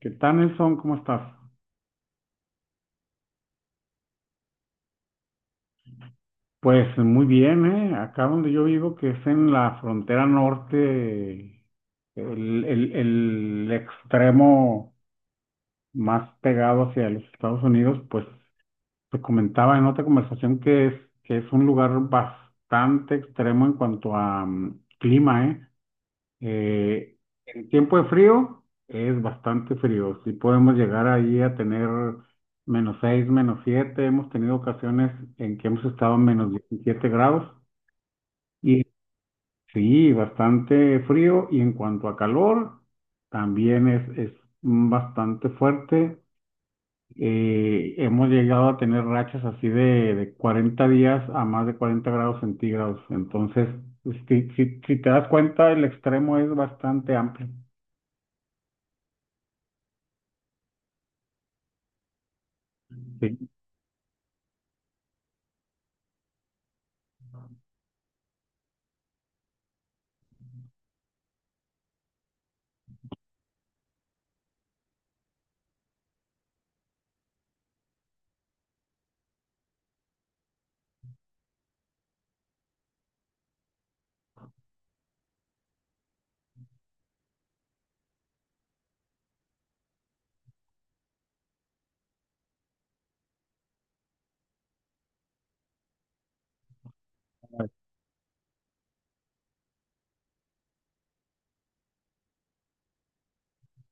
¿Qué tal, Nelson? ¿Cómo estás? Pues muy bien, ¿eh? Acá donde yo vivo, que es en la frontera norte, el extremo más pegado hacia los Estados Unidos, pues te comentaba en otra conversación que es un lugar bastante extremo en cuanto a clima, ¿eh? Eh, en tiempo de frío es bastante frío. Sí podemos llegar ahí a tener -6, -7. Hemos tenido ocasiones en que hemos estado en -17 grados. Y sí, bastante frío. Y en cuanto a calor, también es bastante fuerte. Hemos llegado a tener rachas así de 40 días a más de 40 grados centígrados. Entonces, si te das cuenta, el extremo es bastante amplio. Sí.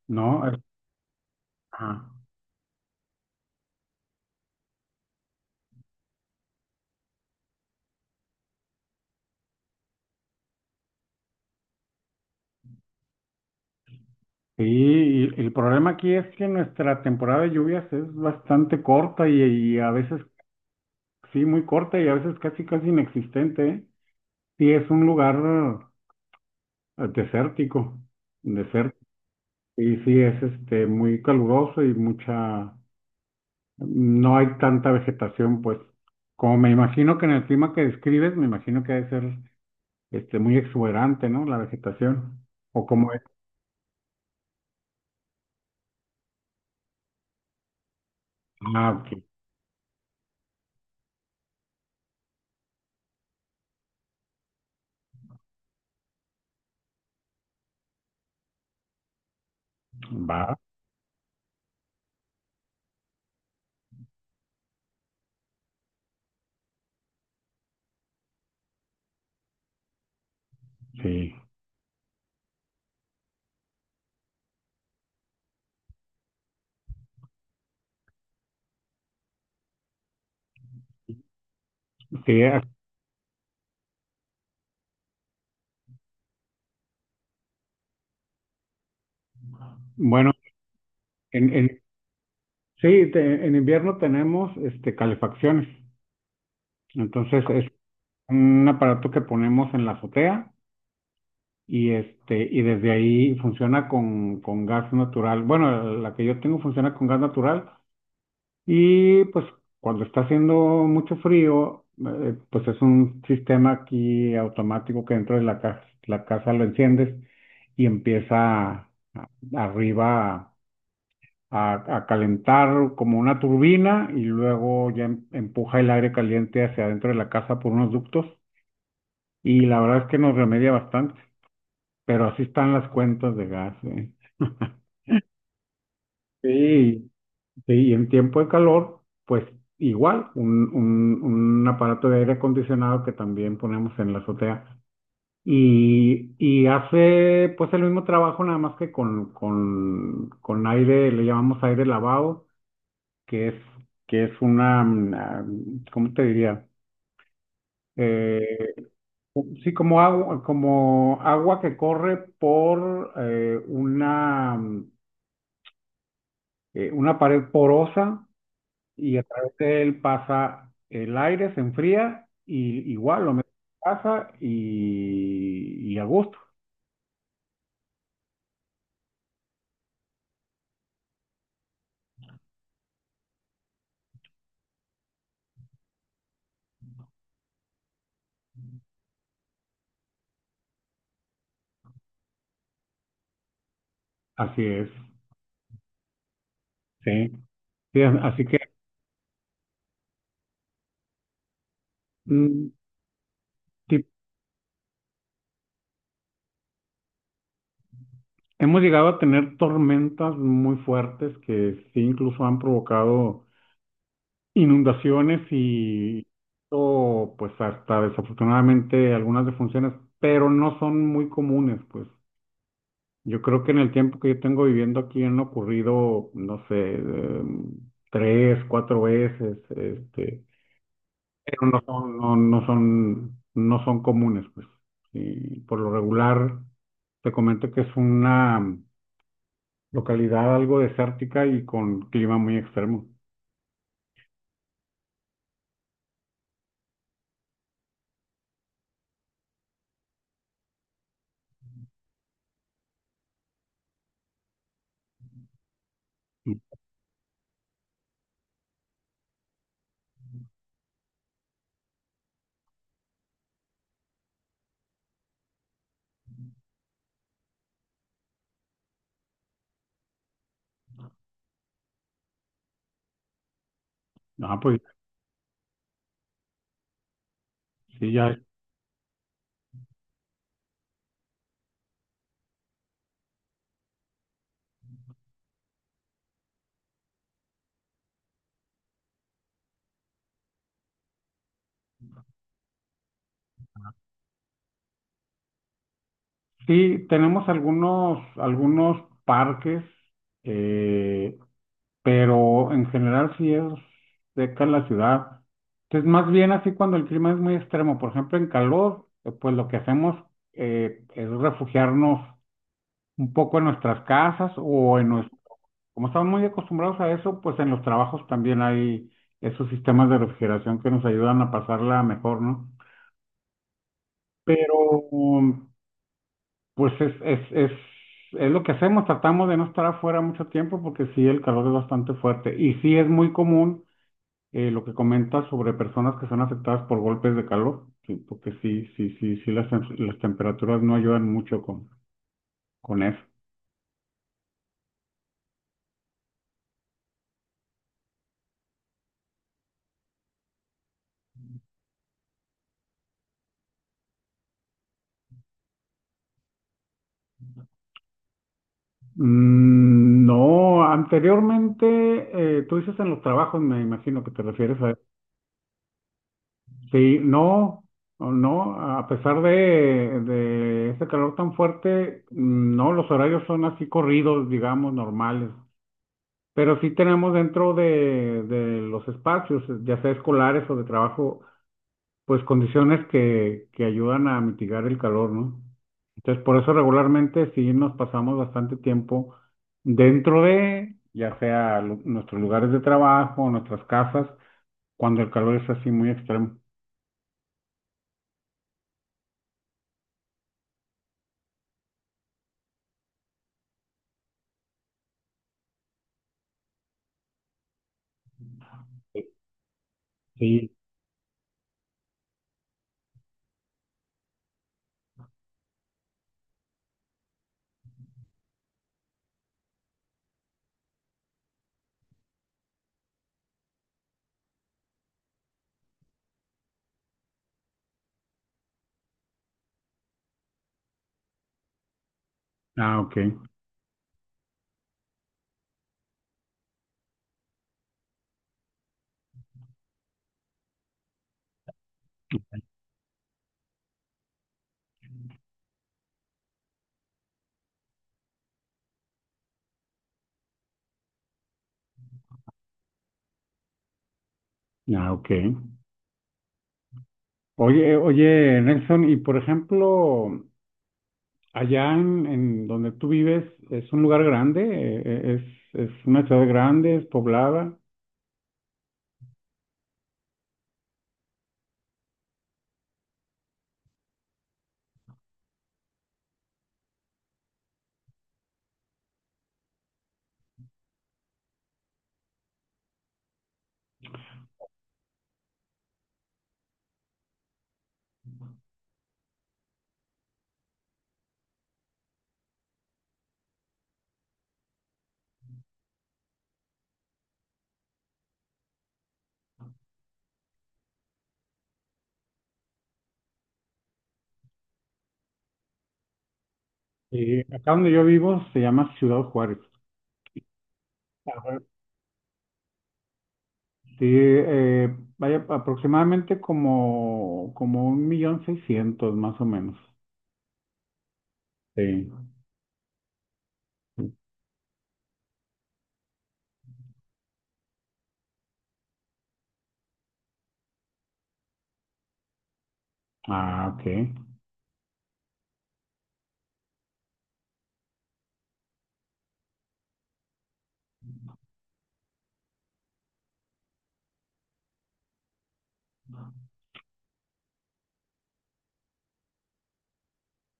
No, es- Ajá. Sí, y el problema aquí es que nuestra temporada de lluvias es bastante corta y a veces, sí, muy corta y a veces casi inexistente, ¿eh? Sí, es un lugar eh, desértico, desértico, y sí, es este, muy caluroso y no hay tanta vegetación, pues, como me imagino que en el clima que describes, me imagino que debe ser este, muy exuberante, ¿no? La vegetación, o como es. Ah, ok, va. Sí, sí. Bueno, en, en- sí, en invierno tenemos este, calefacciones. Entonces es un aparato que ponemos en la azotea y, este, y desde ahí funciona con gas natural. Bueno, la que yo tengo funciona con gas natural y pues cuando está haciendo mucho frío, pues es un sistema aquí automático que dentro de la casa lo enciendes y arriba a calentar como una turbina y luego ya empuja el aire caliente hacia adentro de la casa por unos ductos y la verdad es que nos remedia bastante, pero así están las cuentas de gas, ¿eh? Sí, sí, y en tiempo de calor, pues igual, un aparato de aire acondicionado que también ponemos en la azotea. Y hace pues el mismo trabajo, nada más que con aire, le llamamos aire lavado, que es, que es una, ¿cómo te diría? Eh, sí, como agua que corre por una, una pared porosa y a través de él pasa el aire, se enfría y igual lo metes en casa y a gusto. Así es, sí. Sí, así que mm, sí, hemos llegado a tener tormentas muy fuertes que sí incluso han provocado inundaciones y o pues hasta desafortunadamente algunas defunciones, pero no son muy comunes, pues. Yo creo que en el tiempo que yo tengo viviendo aquí han ocurrido, no sé, tres, cuatro veces, este, pero no son comunes, pues. Y por lo regular, te comento que es una localidad algo desértica y con clima muy extremo. Mm. Ah, pues sí, ya. Sí, tenemos algunos, algunos parques, eh, pero en general sí es seca la ciudad. Entonces, más bien así cuando el clima es muy extremo, por ejemplo, en calor, pues lo que hacemos es refugiarnos un poco en nuestras casas o en nuestro, como estamos muy acostumbrados a eso, pues en los trabajos también hay esos sistemas de refrigeración que nos ayudan a pasarla mejor, ¿no? Pero um, pues es lo que hacemos, tratamos de no estar afuera mucho tiempo porque sí, el calor es bastante fuerte y sí es muy común lo que comentas sobre personas que son afectadas por golpes de calor, sí, porque sí, las temperaturas no ayudan mucho con eso. Mm, no, anteriormente, tú dices en los trabajos, me imagino que te refieres a... Sí, no, no, a pesar de ese calor tan fuerte, no, los horarios son así corridos, digamos, normales. Pero sí tenemos dentro de los espacios, ya sea escolares o de trabajo, pues condiciones que ayudan a mitigar el calor, ¿no? Entonces, por eso regularmente sí nos pasamos bastante tiempo dentro de, ya sea nuestros lugares de trabajo, nuestras casas, cuando el calor es así muy extremo. Sí, ah, ok. Ah, ok. Oye, oye, Nelson, y por ejemplo, allá en donde tú vives, ¿es un lugar grande? Es una ciudad grande? ¿Es poblada? Y acá donde yo vivo se llama Ciudad Juárez. A ver. Sí, vaya, aproximadamente como, como 1.600.000, más o menos. Sí. Ah, ok.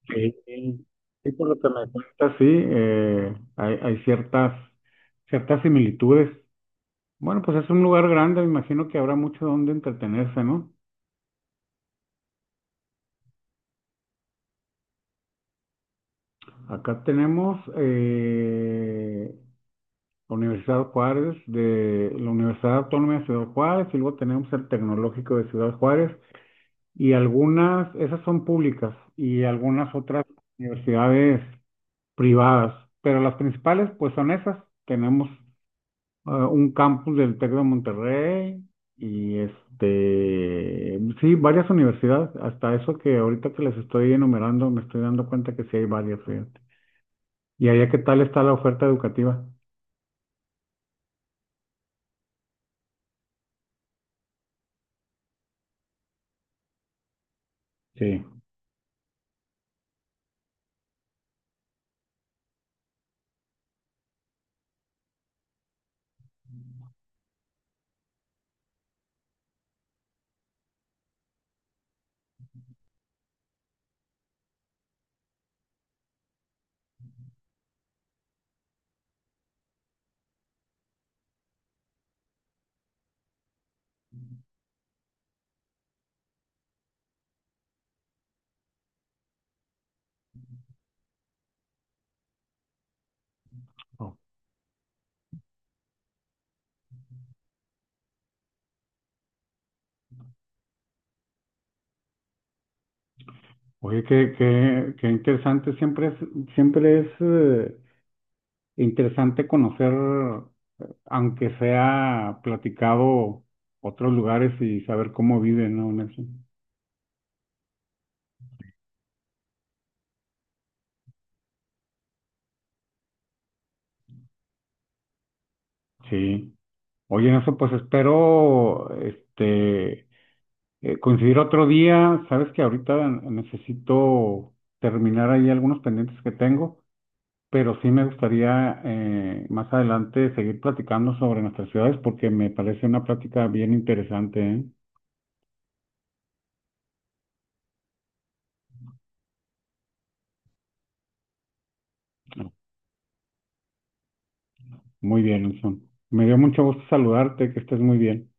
Sí, sí, sí, por lo que me cuentas, sí, hay, hay ciertas, ciertas similitudes. Bueno, pues es un lugar grande, me imagino que habrá mucho donde entretenerse, ¿no? Acá tenemos la Universidad Juárez, de la Universidad Autónoma de Ciudad Juárez, y luego tenemos el Tecnológico de Ciudad Juárez, y algunas, esas son públicas, y algunas otras universidades privadas, pero las principales pues son esas. Tenemos un campus del TEC de Monterrey y este, sí, varias universidades, hasta eso que ahorita que les estoy enumerando, me estoy dando cuenta que sí hay varias, fíjate. ¿Y allá qué tal está la oferta educativa? Sí. Oh. Oye, qué interesante, siempre es interesante conocer, aunque sea platicado, otros lugares y saber cómo viven, ¿no, Nelson? Sí. Oye, eso pues espero, este... coincidir otro día, sabes que ahorita necesito terminar ahí algunos pendientes que tengo, pero sí me gustaría más adelante seguir platicando sobre nuestras ciudades porque me parece una plática bien interesante, ¿eh? Muy bien, Nelson. Me dio mucho gusto saludarte, que estés muy bien.